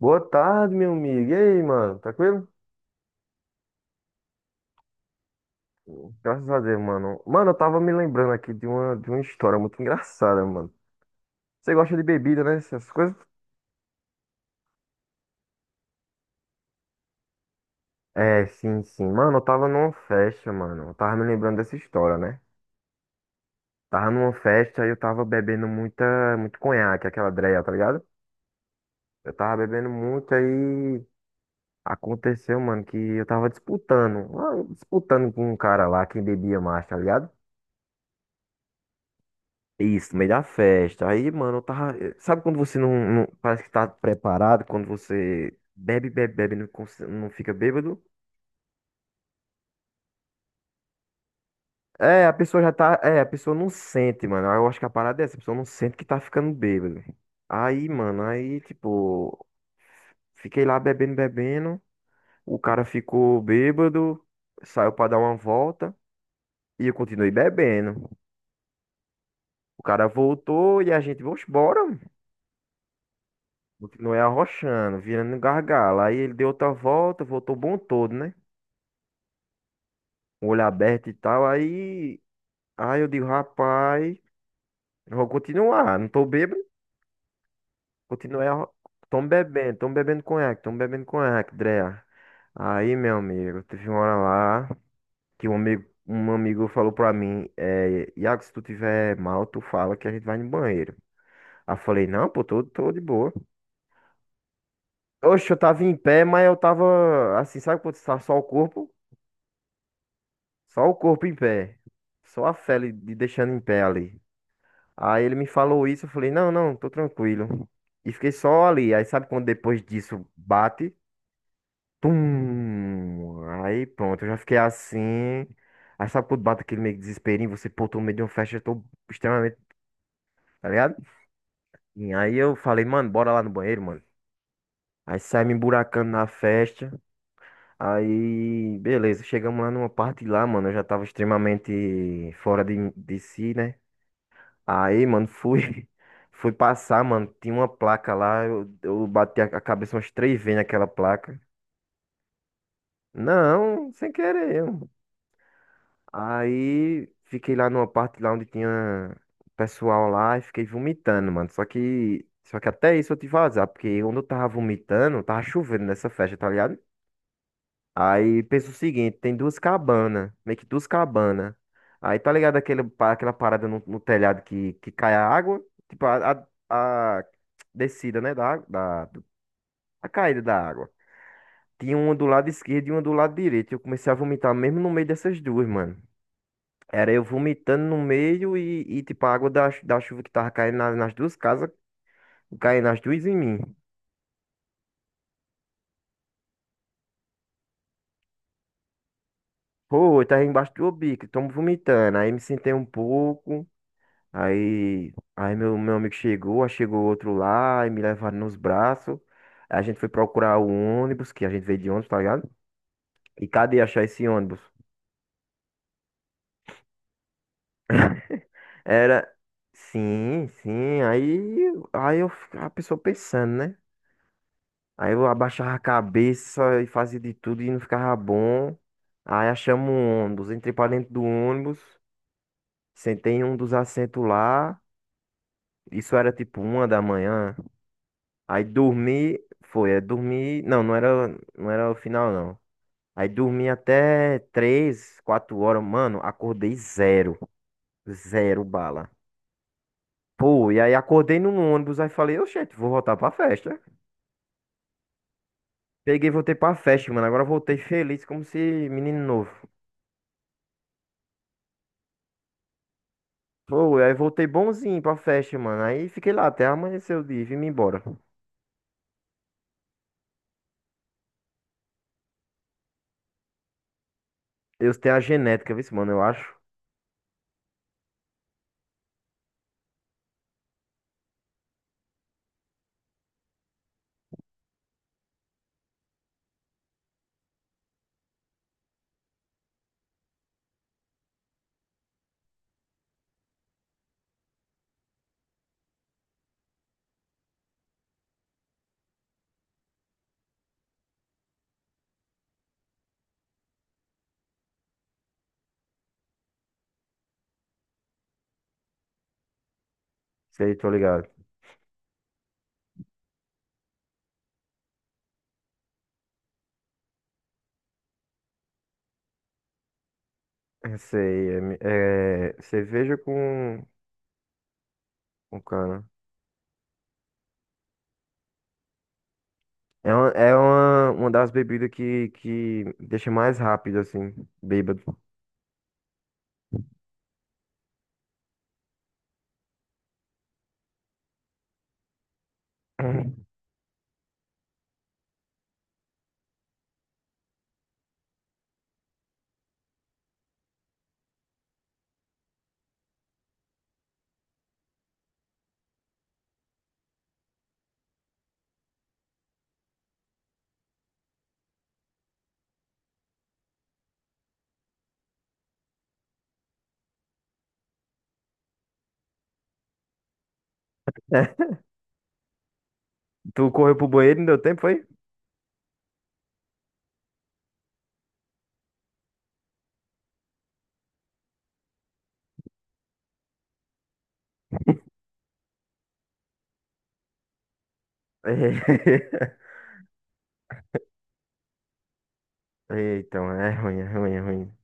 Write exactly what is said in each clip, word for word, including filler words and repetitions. Boa tarde, meu amigo. E aí, mano? Tranquilo? Graças a Deus, mano. Mano, eu tava me lembrando aqui de uma, de uma história muito engraçada, mano. Você gosta de bebida, né? Essas coisas? É, sim, sim. Mano, eu tava numa festa, mano. Eu tava me lembrando dessa história, né? Tava numa festa e eu tava bebendo muita, muito conhaque, aquela dreia, tá ligado? Eu tava bebendo muito aí. Aconteceu, mano, que eu tava disputando. ah, Disputando com um cara lá, quem bebia mais, tá ligado? Isso, no meio da festa. Aí, mano, eu tava. eh, Sabe quando você não, não- parece que tá preparado, quando você bebe, bebe, bebe, não, cons- não fica bêbado? É, a pessoa já tá. É, a pessoa não sente, mano. Eu acho que a parada é essa, a pessoa não sente que tá ficando bêbado. Aí, mano, aí, tipo, fiquei lá bebendo, bebendo. O cara ficou bêbado, saiu pra dar uma volta e eu continuei bebendo. O cara voltou e a gente, vamos embora. Continuei arrochando, virando gargalo. Aí ele deu outra volta, voltou bom todo, né? O olho aberto e tal. Aí, aí eu digo, rapaz, eu vou continuar. Não tô bêbado, continuei arro... Tô bebendo, tô bebendo conhaque, tô bebendo conhaque, Drea. Aí, meu amigo, teve uma hora lá que um amigo, um amigo falou pra mim, é, Iago, se tu tiver mal, tu fala que a gente vai no banheiro. Aí eu falei, não, pô, tô, tô de boa. Oxe, eu tava em pé, mas eu tava assim, sabe quando tá só o corpo? Só o corpo em pé. Só a fé ali, de deixando em pé ali. Aí ele me falou isso, eu falei, não, não, tô tranquilo. E fiquei só ali. Aí sabe quando depois disso bate? Tum! Aí pronto, eu já fiquei assim. Aí sabe quando bate aquele meio que desesperinho, você, pô, tô no meio de uma festa, eu tô extremamente, tá ligado? E aí eu falei, mano, bora lá no banheiro, mano. Aí sai me emburacando na festa. Aí, beleza, chegamos lá numa parte lá, mano, eu já tava extremamente fora de, de si, né? Aí, mano, fui, fui passar, mano. Tinha uma placa lá. Eu, eu bati a a cabeça umas três vezes naquela placa. Não, sem querer, mano. Aí fiquei lá numa parte lá onde tinha pessoal lá e fiquei vomitando, mano. Só que, só que até isso eu tive azar, porque onde eu tava vomitando, tava chovendo nessa festa, tá ligado? Aí pensa o seguinte, tem duas cabanas, meio que duas cabanas. Aí tá ligado aquele, pa- aquela parada no, no telhado que, que cai a água? Tipo, a, a, a descida, né, da, água- da, do- a caída da água. Tinha uma do lado esquerdo e uma do lado direito. Eu comecei a vomitar mesmo no meio dessas duas, mano. Era eu vomitando no meio e, e tipo, a água da, chu- da chuva que tava caindo na- nas duas casas, caindo nas duas em mim. Pô, eu tava embaixo do bico, tamo vomitando. Aí me sentei um pouco. Aí, aí meu, meu amigo chegou, aí chegou outro lá, e me levaram nos braços. Aí a gente foi procurar o ônibus, que a gente veio de ônibus, tá ligado? E cadê achar esse ônibus? Era. Sim, sim. Aí, aí eu, fi- a pessoa pensando, né? Aí eu abaixava a cabeça e fazia de tudo e não ficava bom. Aí achamos um ônibus, entrei pra dentro do ônibus, sentei em um dos assentos lá. Isso era tipo uma da manhã. Aí dormi, foi, é dormi, não, não era, não era o final não. Aí dormi até três, quatro horas, mano, acordei zero, zero bala. Pô, e aí acordei num ônibus, aí falei, oxente, vou voltar pra festa. Peguei, e voltei pra festa, mano, agora voltei feliz como se menino novo. Pô, e aí voltei bonzinho pra festa, mano, aí fiquei lá até amanhecer o dia e vim embora. Eu tenho a genética, viu, mano, eu acho, sei, tô ligado. É, sei, é, mi- é cerveja com, com cana. É uma, é uma, uma das bebidas que, que deixa mais rápido, assim, bêbado. Tu correu pro banheiro, não deu tempo, foi? Então, é ruim, é ruim, é ruim.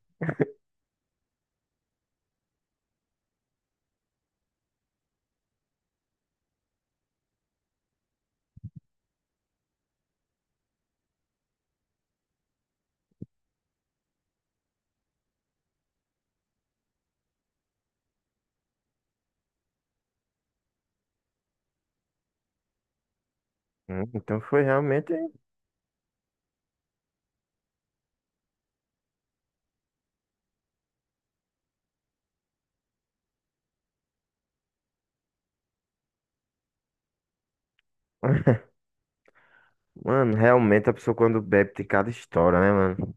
Hum, Então foi realmente. Mano, realmente a pessoa quando bebe tem cada história, né, mano?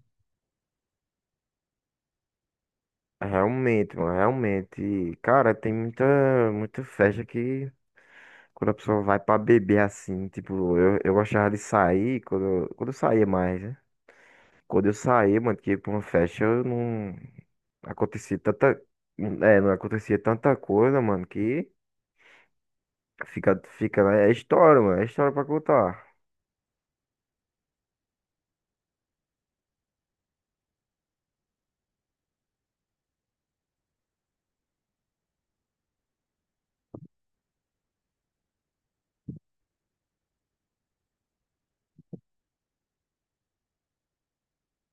Realmente, mano, realmente. Cara, tem muita, muita festa que quando a pessoa vai pra beber assim, tipo, eu, eu gostava de sair quando, quando eu saía mais, né? Quando eu saía, mano, que ia pra uma festa, eu não. Acontecia tanta. É, não acontecia tanta coisa, mano, que fica, fica, né? É história, mano. É história pra contar.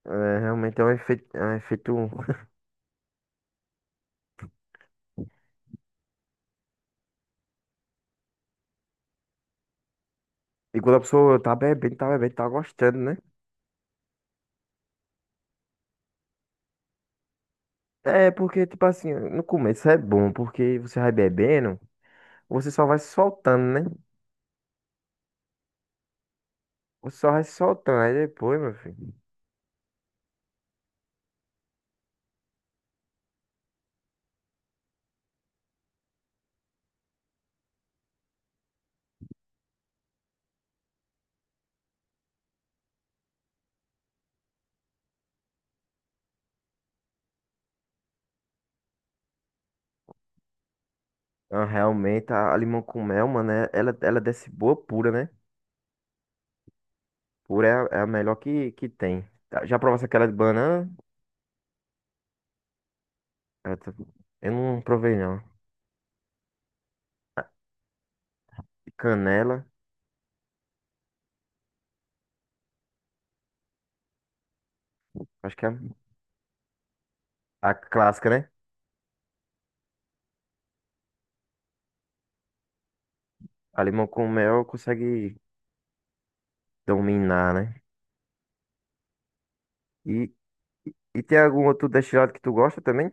É, realmente é um efeito, é um efeito. E quando a pessoa tá bebendo, tá bebendo, tá gostando, né? É, porque, tipo assim, no começo é bom, porque você vai bebendo, você só vai se soltando, né? Você só vai se soltando. Aí depois, meu filho. ah, Realmente, a, a limão com mel, mano, é- ela, ela desce boa pura, né? Pura é a, é a melhor que, que tem. Já provasse aquela de banana? Essa- eu não provei, não. Canela. Acho que é a, a clássica, né? A limão com mel consegue dominar, né? E, e tem algum outro destilado que tu gosta também?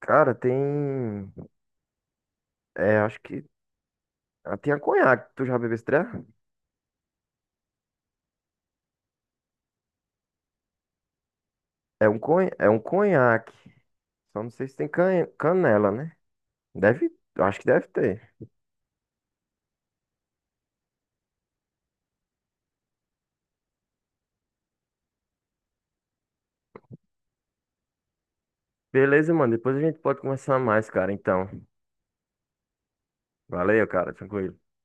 Cara, tem. É, acho que. ah, Tem a conhaque. Tu já bebeu esse treco? É um, conha... é um conhaque. Só não sei se tem can... canela, né? Deve. Acho que deve ter. Beleza, mano. Depois a gente pode conversar mais, cara. Então. Valeu, cara. Tranquilo.